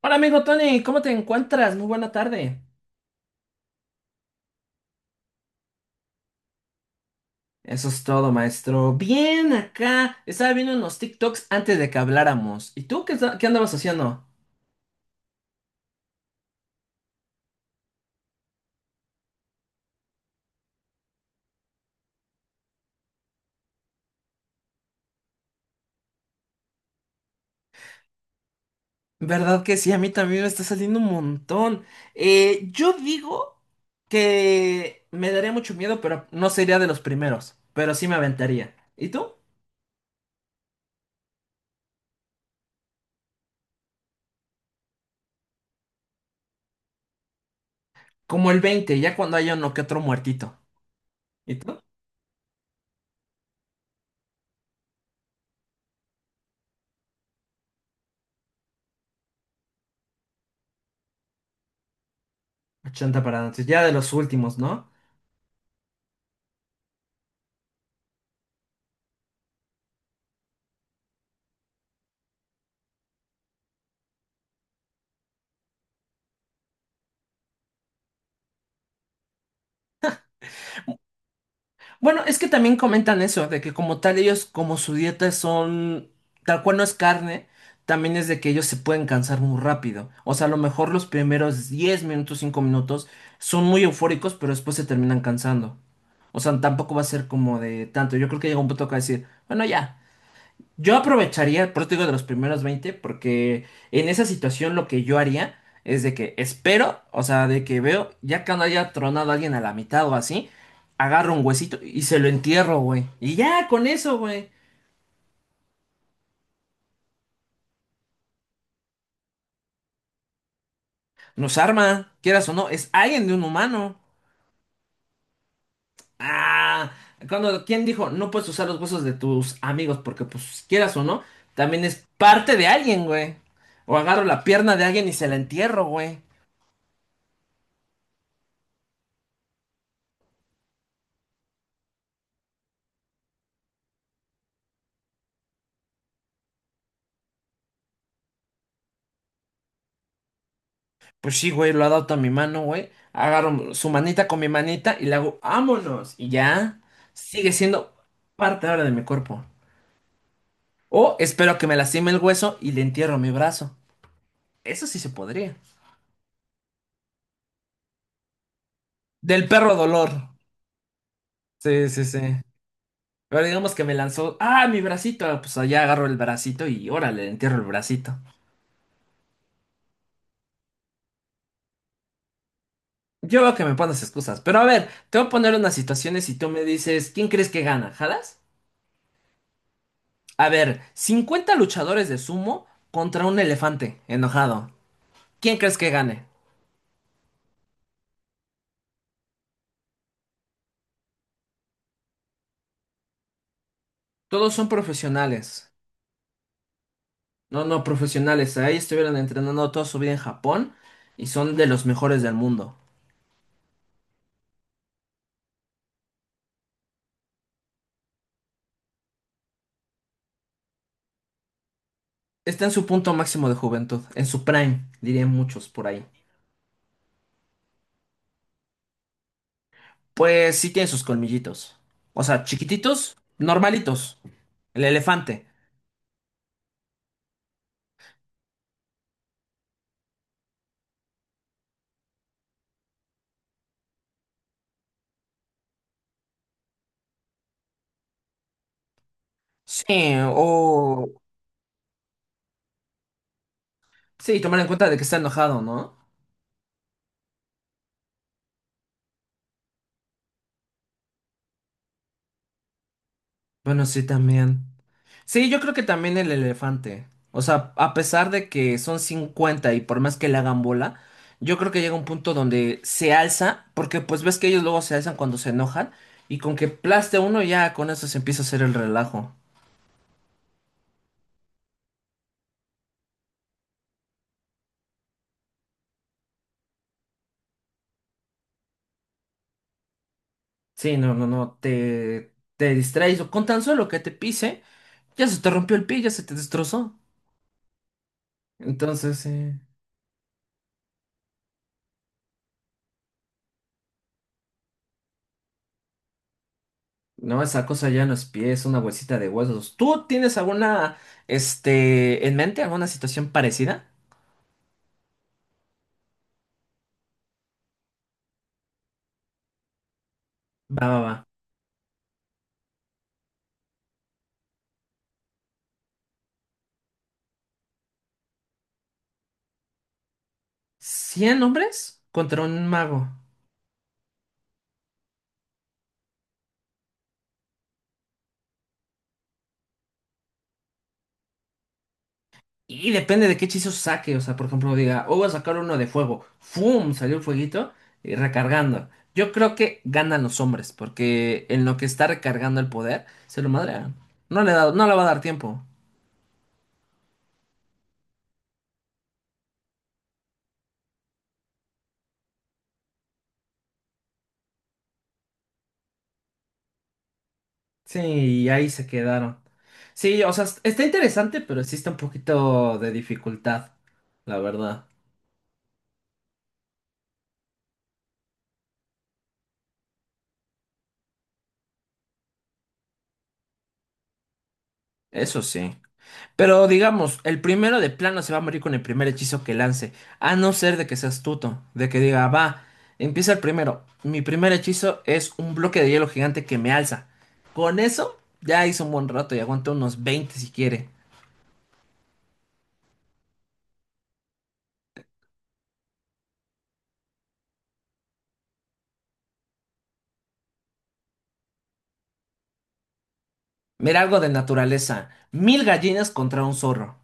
Hola amigo Tony, ¿cómo te encuentras? Muy buena tarde. Eso es todo, maestro. Bien, acá. Estaba viendo unos TikToks antes de que habláramos. ¿Y tú qué, qué andabas haciendo? ¿Verdad que sí? A mí también me está saliendo un montón. Yo digo que me daría mucho miedo, pero no sería de los primeros. Pero sí me aventaría. ¿Y tú? Como el veinte, ya cuando haya uno que otro muertito. ¿Y tú? 80 para antes, ya de los últimos, ¿no? Bueno, es que también comentan eso, de que como tal ellos, como su dieta son, tal cual no es carne, también es de que ellos se pueden cansar muy rápido. O sea, a lo mejor los primeros 10 minutos, 5 minutos son muy eufóricos, pero después se terminan cansando. O sea, tampoco va a ser como de tanto. Yo creo que llega un punto que va a decir, bueno, ya. Yo aprovecharía el eso de los primeros 20, porque en esa situación lo que yo haría es de que espero, o sea, de que veo, ya cuando haya tronado a alguien a la mitad o así, agarro un huesito y se lo entierro, güey. Y ya, con eso, güey. Nos arma, quieras o no, es alguien de un humano. Ah, cuando, ¿quién dijo? No puedes usar los huesos de tus amigos porque, pues, quieras o no, también es parte de alguien, güey. O agarro la pierna de alguien y se la entierro, güey. Pues sí, güey, lo adapto a mi mano, güey. Agarro su manita con mi manita y le hago, ¡vámonos! Y ya sigue siendo parte ahora de mi cuerpo. O espero que me lastime el hueso y le entierro mi brazo. Eso sí se podría. Del perro dolor. Sí, sí, sí. Pero digamos que me lanzó, ¡ah, mi bracito! Ah, pues allá agarro el bracito y órale, le entierro el bracito. Yo veo que me pones excusas. Pero a ver, te voy a poner unas situaciones y tú me dices, ¿quién crees que gana? ¿Jalas? A ver, 50 luchadores de sumo contra un elefante enojado. ¿Quién crees que gane? Todos son profesionales. No, no, profesionales. Ahí estuvieron entrenando toda su vida en Japón y son de los mejores del mundo. Está en su punto máximo de juventud, en su prime, dirían muchos por ahí. Pues sí tiene sus colmillitos. O sea, chiquititos, normalitos. El elefante. Sí, o... Sí, tomar en cuenta de que está enojado, ¿no? Bueno, sí, también. Sí, yo creo que también el elefante. O sea, a pesar de que son 50 y por más que le hagan bola, yo creo que llega un punto donde se alza, porque pues ves que ellos luego se alzan cuando se enojan, y con que plaste uno ya con eso se empieza a hacer el relajo. Sí, no, no, no, te distraes o con tan solo que te pise, ya se te rompió el pie, ya se te destrozó. Entonces, sí. No, esa cosa ya no es pie, es una bolsita de huesos. ¿Tú tienes alguna, este, en mente, alguna situación parecida? Va, va, va. 100 hombres contra un mago. Y depende de qué hechizo saque. O sea, por ejemplo, diga, oh, voy a sacar uno de fuego. ¡Fum! Salió el fueguito y recargando. Yo creo que ganan los hombres, porque en lo que está recargando el poder, se lo madrean. No le da, no le va a dar tiempo. Sí, y ahí se quedaron. Sí, o sea, está interesante, pero existe un poquito de dificultad, la verdad. Eso sí. Pero digamos, el primero de plano se va a morir con el primer hechizo que lance, a no ser de que sea astuto, de que diga, va, empieza el primero. Mi primer hechizo es un bloque de hielo gigante que me alza. Con eso ya hizo un buen rato y aguanta unos 20 si quiere. Mira algo de naturaleza. 1000 gallinas contra un zorro.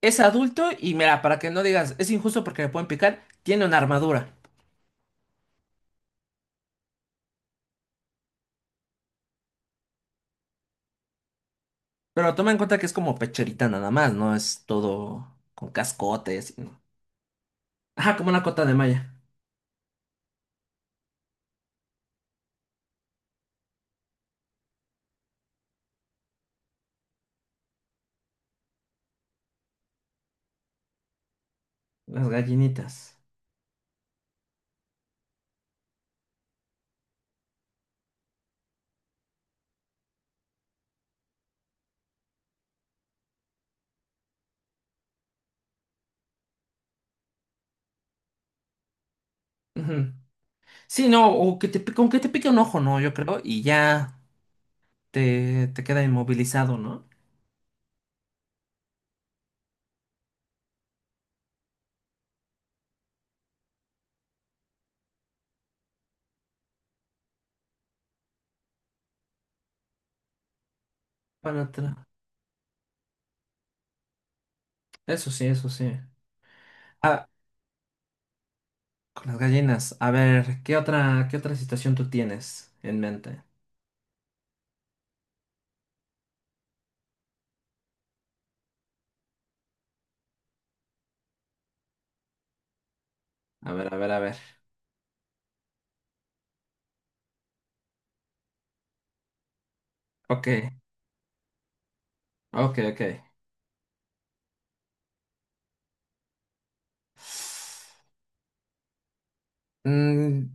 Es adulto y mira, para que no digas, es injusto porque me pueden picar, tiene una armadura. Pero toma en cuenta que es como pecherita nada más, no es todo con cascotes. Ajá, como una cota de malla. Las gallinitas. Ujú. Sí, no, o que con que te pique un ojo, ¿no? Yo creo, y ya te queda inmovilizado, ¿no? Para atrás. Eso sí, eso sí. Ah, con las gallinas. A ver, qué otra situación tú tienes en mente? A ver, a ver, a ver. Ok, ok, ok. Mm,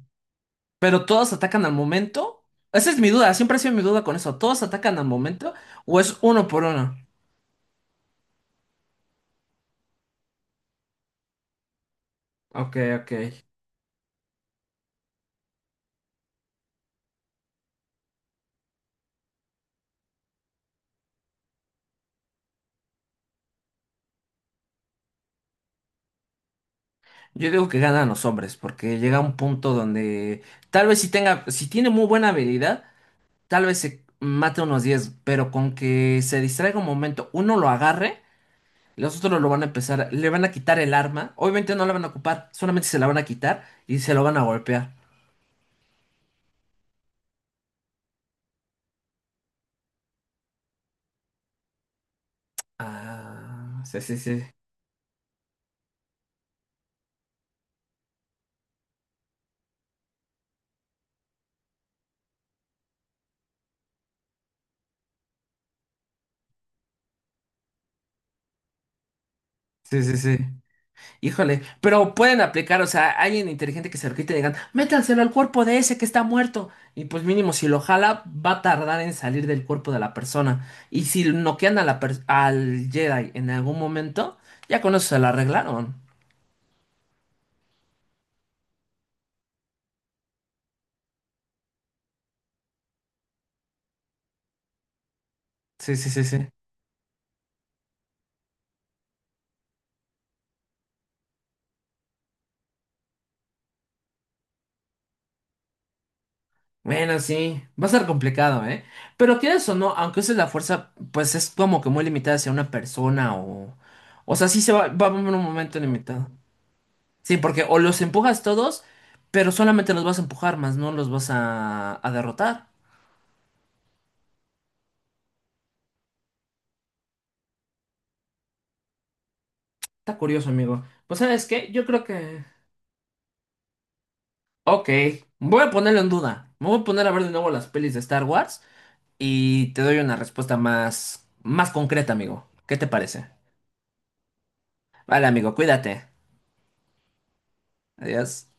¿pero todas atacan al momento? Esa es mi duda, siempre ha sido mi duda con eso. ¿Todos atacan al momento o es uno por uno? Ok, ok. Yo digo que ganan los hombres, porque llega un punto donde tal vez si tiene muy buena habilidad, tal vez se mate unos 10, pero con que se distraiga un momento, uno lo agarre, los otros lo van a empezar, le van a quitar el arma, obviamente no la van a ocupar, solamente se la van a quitar y se lo van a golpear. Ah, sí, sí, sí, sí, sí, sí. Híjole, pero pueden aplicar, o sea, alguien inteligente que se lo quite y digan, métanselo al cuerpo de ese que está muerto. Y pues mínimo, si lo jala, va a tardar en salir del cuerpo de la persona. Y si noquean a la al Jedi en algún momento, ya con eso se la arreglaron. Sí, sí, sí, sí. Bueno, sí, va a ser complicado, ¿eh? Pero quieres o no, aunque uses la fuerza, pues es como que muy limitada hacia una persona o... O sea, sí va a haber un momento limitado. Sí, porque o los empujas todos, pero solamente los vas a empujar, más no los vas a derrotar. Está curioso, amigo. Pues ¿sabes qué? Yo creo que... Ok, voy a ponerlo en duda. Me voy a poner a ver de nuevo las pelis de Star Wars y te doy una respuesta más, más concreta, amigo. ¿Qué te parece? Vale, amigo, cuídate. Adiós.